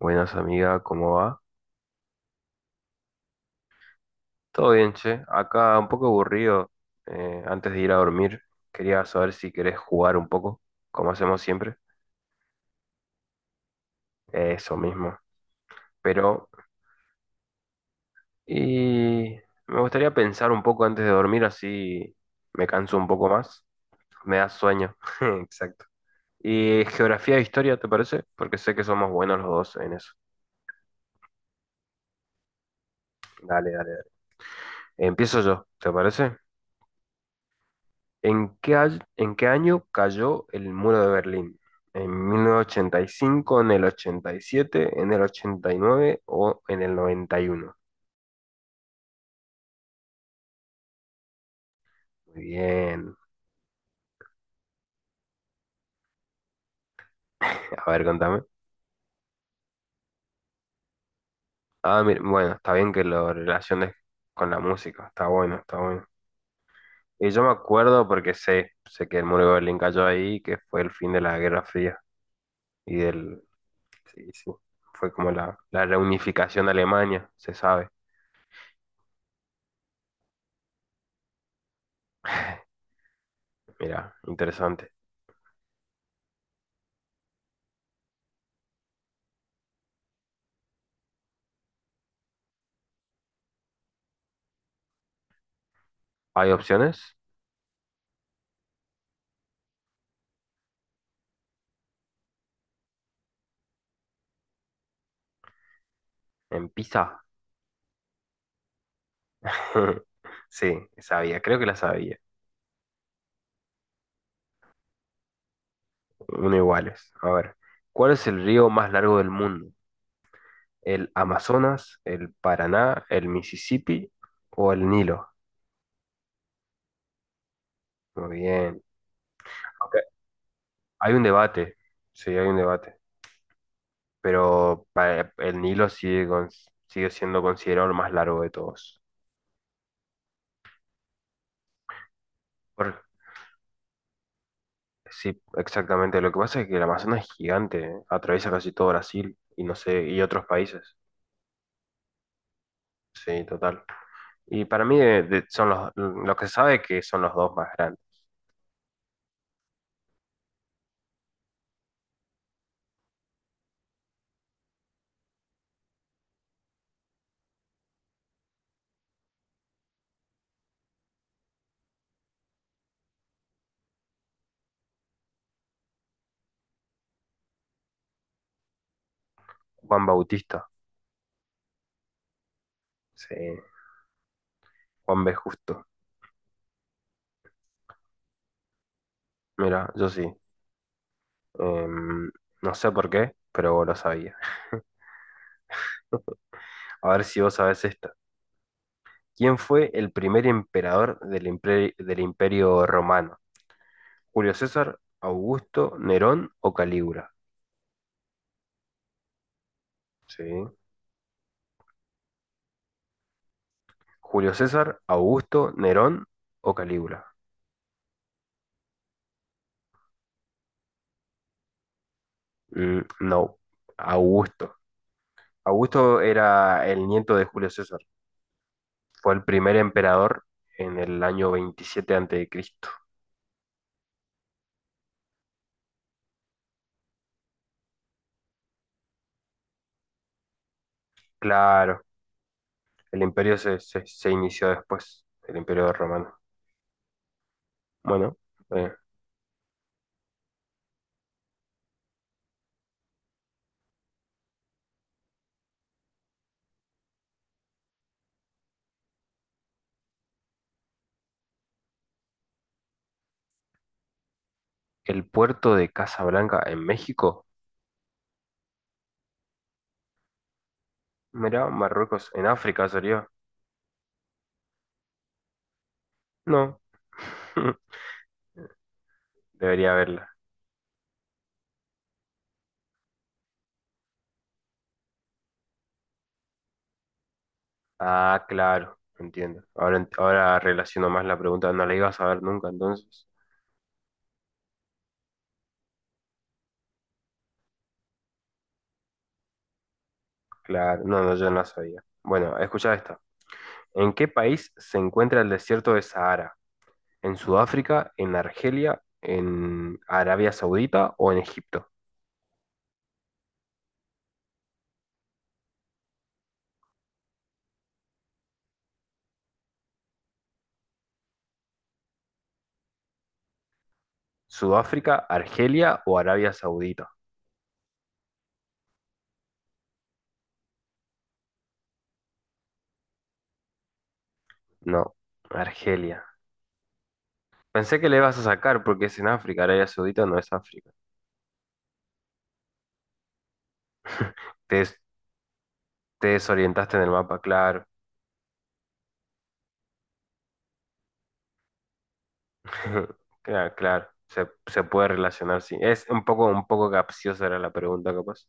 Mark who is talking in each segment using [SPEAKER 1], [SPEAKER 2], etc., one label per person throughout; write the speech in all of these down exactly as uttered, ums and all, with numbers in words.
[SPEAKER 1] Buenas amiga, ¿cómo va? Todo bien, che. Acá un poco aburrido. Eh, antes de ir a dormir, quería saber si querés jugar un poco, como hacemos siempre. Eso mismo. Pero, y me gustaría pensar un poco antes de dormir, así me canso un poco más. Me da sueño. Exacto. ¿Y geografía e historia, te parece? Porque sé que somos buenos los dos en eso. Dale, dale, dale. Empiezo yo, ¿te parece? ¿En qué, año- en qué año cayó el muro de Berlín? ¿En mil novecientos ochenta y cinco, en el ochenta y siete, en el ochenta y nueve o en el noventa y uno? Muy bien. A ver, contame. Ah, mira, bueno, está bien que lo relaciones con la música. Está bueno, está bueno. Y yo me acuerdo porque sé, sé que el muro de Berlín cayó ahí, que fue el fin de la Guerra Fría y del... Sí, sí. Fue como la, la reunificación de Alemania, se sabe. Mira, interesante. ¿Hay opciones? En Pisa. Sí, sabía, creo que la sabía. Uno iguales. A ver, ¿cuál es el río más largo del mundo? ¿El Amazonas, el Paraná, el Mississippi o el Nilo? Muy bien. Ok, hay un debate, sí, hay un debate, pero pa- el Nilo sigue, con- sigue siendo considerado el más largo de todos. Por- sí, exactamente. Lo que pasa es que el Amazonas es gigante, ¿eh? Atraviesa casi todo Brasil y no sé, y otros países. Sí, total. Y para mí de- de- son los, lo que se sabe que son los dos más grandes. Juan Bautista, sí, Juan be. Justo. Mira, yo sí. Em, no sé por qué, pero vos lo sabías. A ver si vos sabés esta. ¿Quién fue el primer emperador del imperio, del Imperio Romano? ¿Julio César, Augusto, Nerón o Calígula? Sí. ¿Julio César, Augusto, Nerón o Calígula? Mm, no, Augusto. Augusto era el nieto de Julio César. Fue el primer emperador en el año veintisiete antes de Cristo. Claro, el imperio se, se- se inició después, el imperio romano. Bueno, eh, el puerto de Casablanca en México. Mirá, Marruecos en África sería. No, debería haberla. Ah, claro, entiendo. Ahora, ent- ahora relaciono más la pregunta. No la ibas a ver nunca entonces. Claro, no, no, yo no la sabía. Bueno, escucha esta. ¿En qué país se encuentra el desierto de Sahara? ¿En Sudáfrica, en Argelia, en Arabia Saudita o en Egipto? Sudáfrica, Argelia o Arabia Saudita. No, Argelia. Pensé que le ibas a sacar porque es en África. Arabia Saudita no es África. Te, des- te desorientaste en el mapa, claro. Claro, claro. Se, se puede relacionar, sí. Es un poco, un poco capciosa era la pregunta, capaz.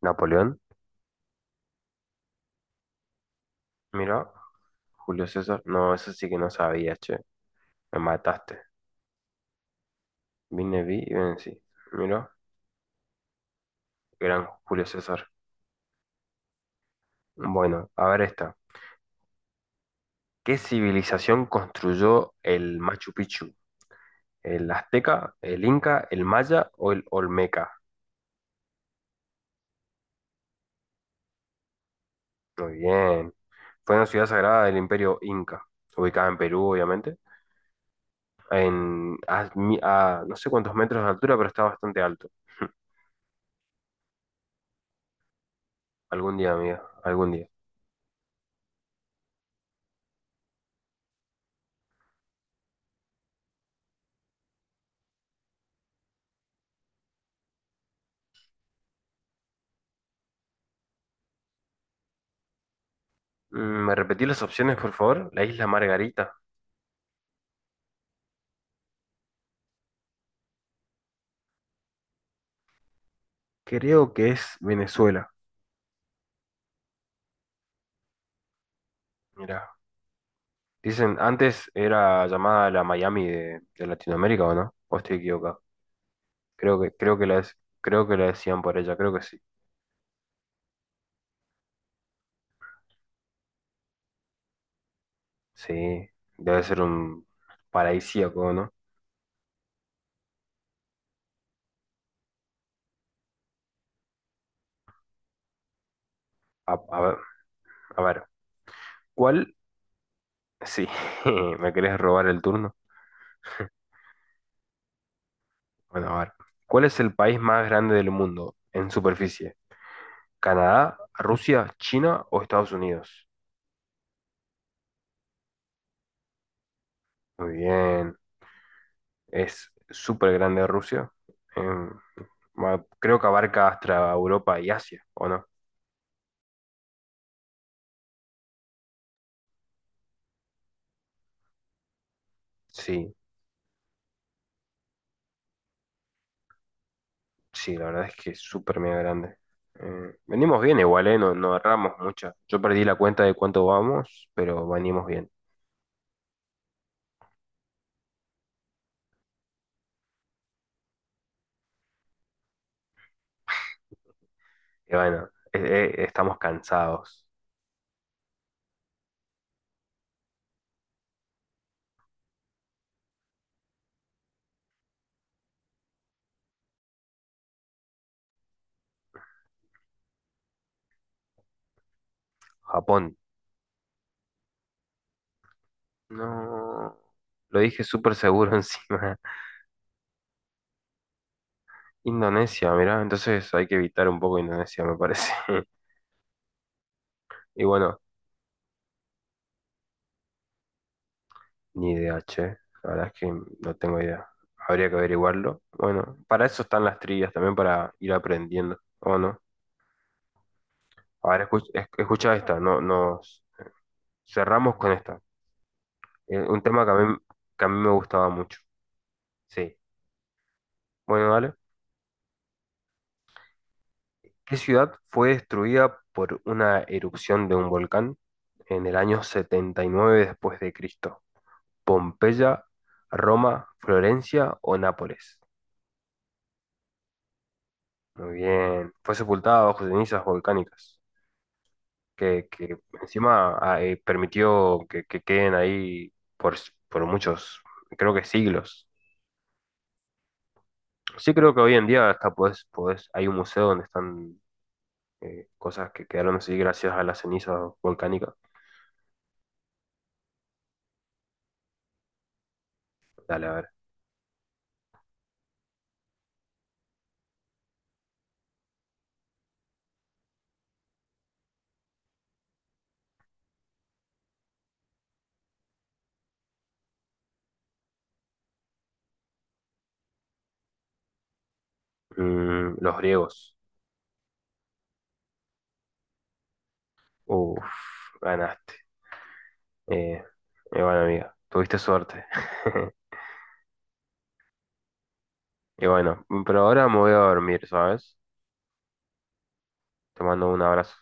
[SPEAKER 1] Napoleón, mira. Julio César. No, eso sí que no sabía, che. Me mataste. Vine, vi, y ven, sí. Mira. Gran Julio César. Bueno, a ver esta. ¿Qué civilización construyó el Machu Picchu? ¿El azteca, el inca, el maya o el olmeca? Muy bien. Fue una ciudad sagrada del Imperio Inca, ubicada en Perú, obviamente, en, a, mi- a no sé cuántos metros de altura, pero está bastante alto. Algún día, amiga, algún día. Mm, ¿me repetí las opciones, por favor? La isla Margarita. Creo que es Venezuela. Mira, dicen, antes era llamada la Miami de, de Latinoamérica, ¿o no? ¿O estoy equivocado? Creo que, creo que lo, es- creo que la decían por ella, creo que sí. Sí, debe ser un paradisíaco, ¿no? A, a ver, a ver, ¿cuál? Sí, ¿me querés robar el turno? Bueno, a ver. ¿Cuál es el país más grande del mundo en superficie? ¿Canadá, Rusia, China o Estados Unidos? Muy bien, es súper grande Rusia. Em, ma- Creo que abarca hasta Europa y Asia, ¿o no? Sí, sí, la verdad es que es súper mega grande. Eh, venimos bien igual, ¿eh? No, no erramos mucho. Yo perdí la cuenta de cuánto vamos, pero venimos bien. Y bueno, eh, eh, estamos cansados. Japón. No. Lo dije súper seguro encima. Indonesia, mirá, entonces hay que evitar un poco Indonesia, me parece. Y bueno, ni idea, che. La verdad es que no tengo idea. Habría que averiguarlo. Bueno, para eso están las trillas, también para ir aprendiendo. ¿O no? A ver, escucha, esta, no, no. Cerramos con esta. Eh, un tema que a mí, que a mí me gustaba mucho. Sí. Bueno, dale. ¿Qué ciudad fue destruida por una erupción de un volcán en el año setenta y nueve después de Cristo? ¿Pompeya, Roma, Florencia o Nápoles? Muy bien. Fue sepultada bajo cenizas volcánicas, que, que encima ah, eh, permitió que, que queden ahí por, por muchos, creo que siglos. Sí, creo que hoy en día hasta podés, podés- hay un museo donde están eh, cosas que quedaron así gracias a las cenizas volcánicas. Dale, a ver. Mm, los griegos. Uf, ganaste. Eh, y bueno, amiga, tuviste suerte. Y bueno, pero ahora me voy a dormir, ¿sabes? Te mando un abrazo.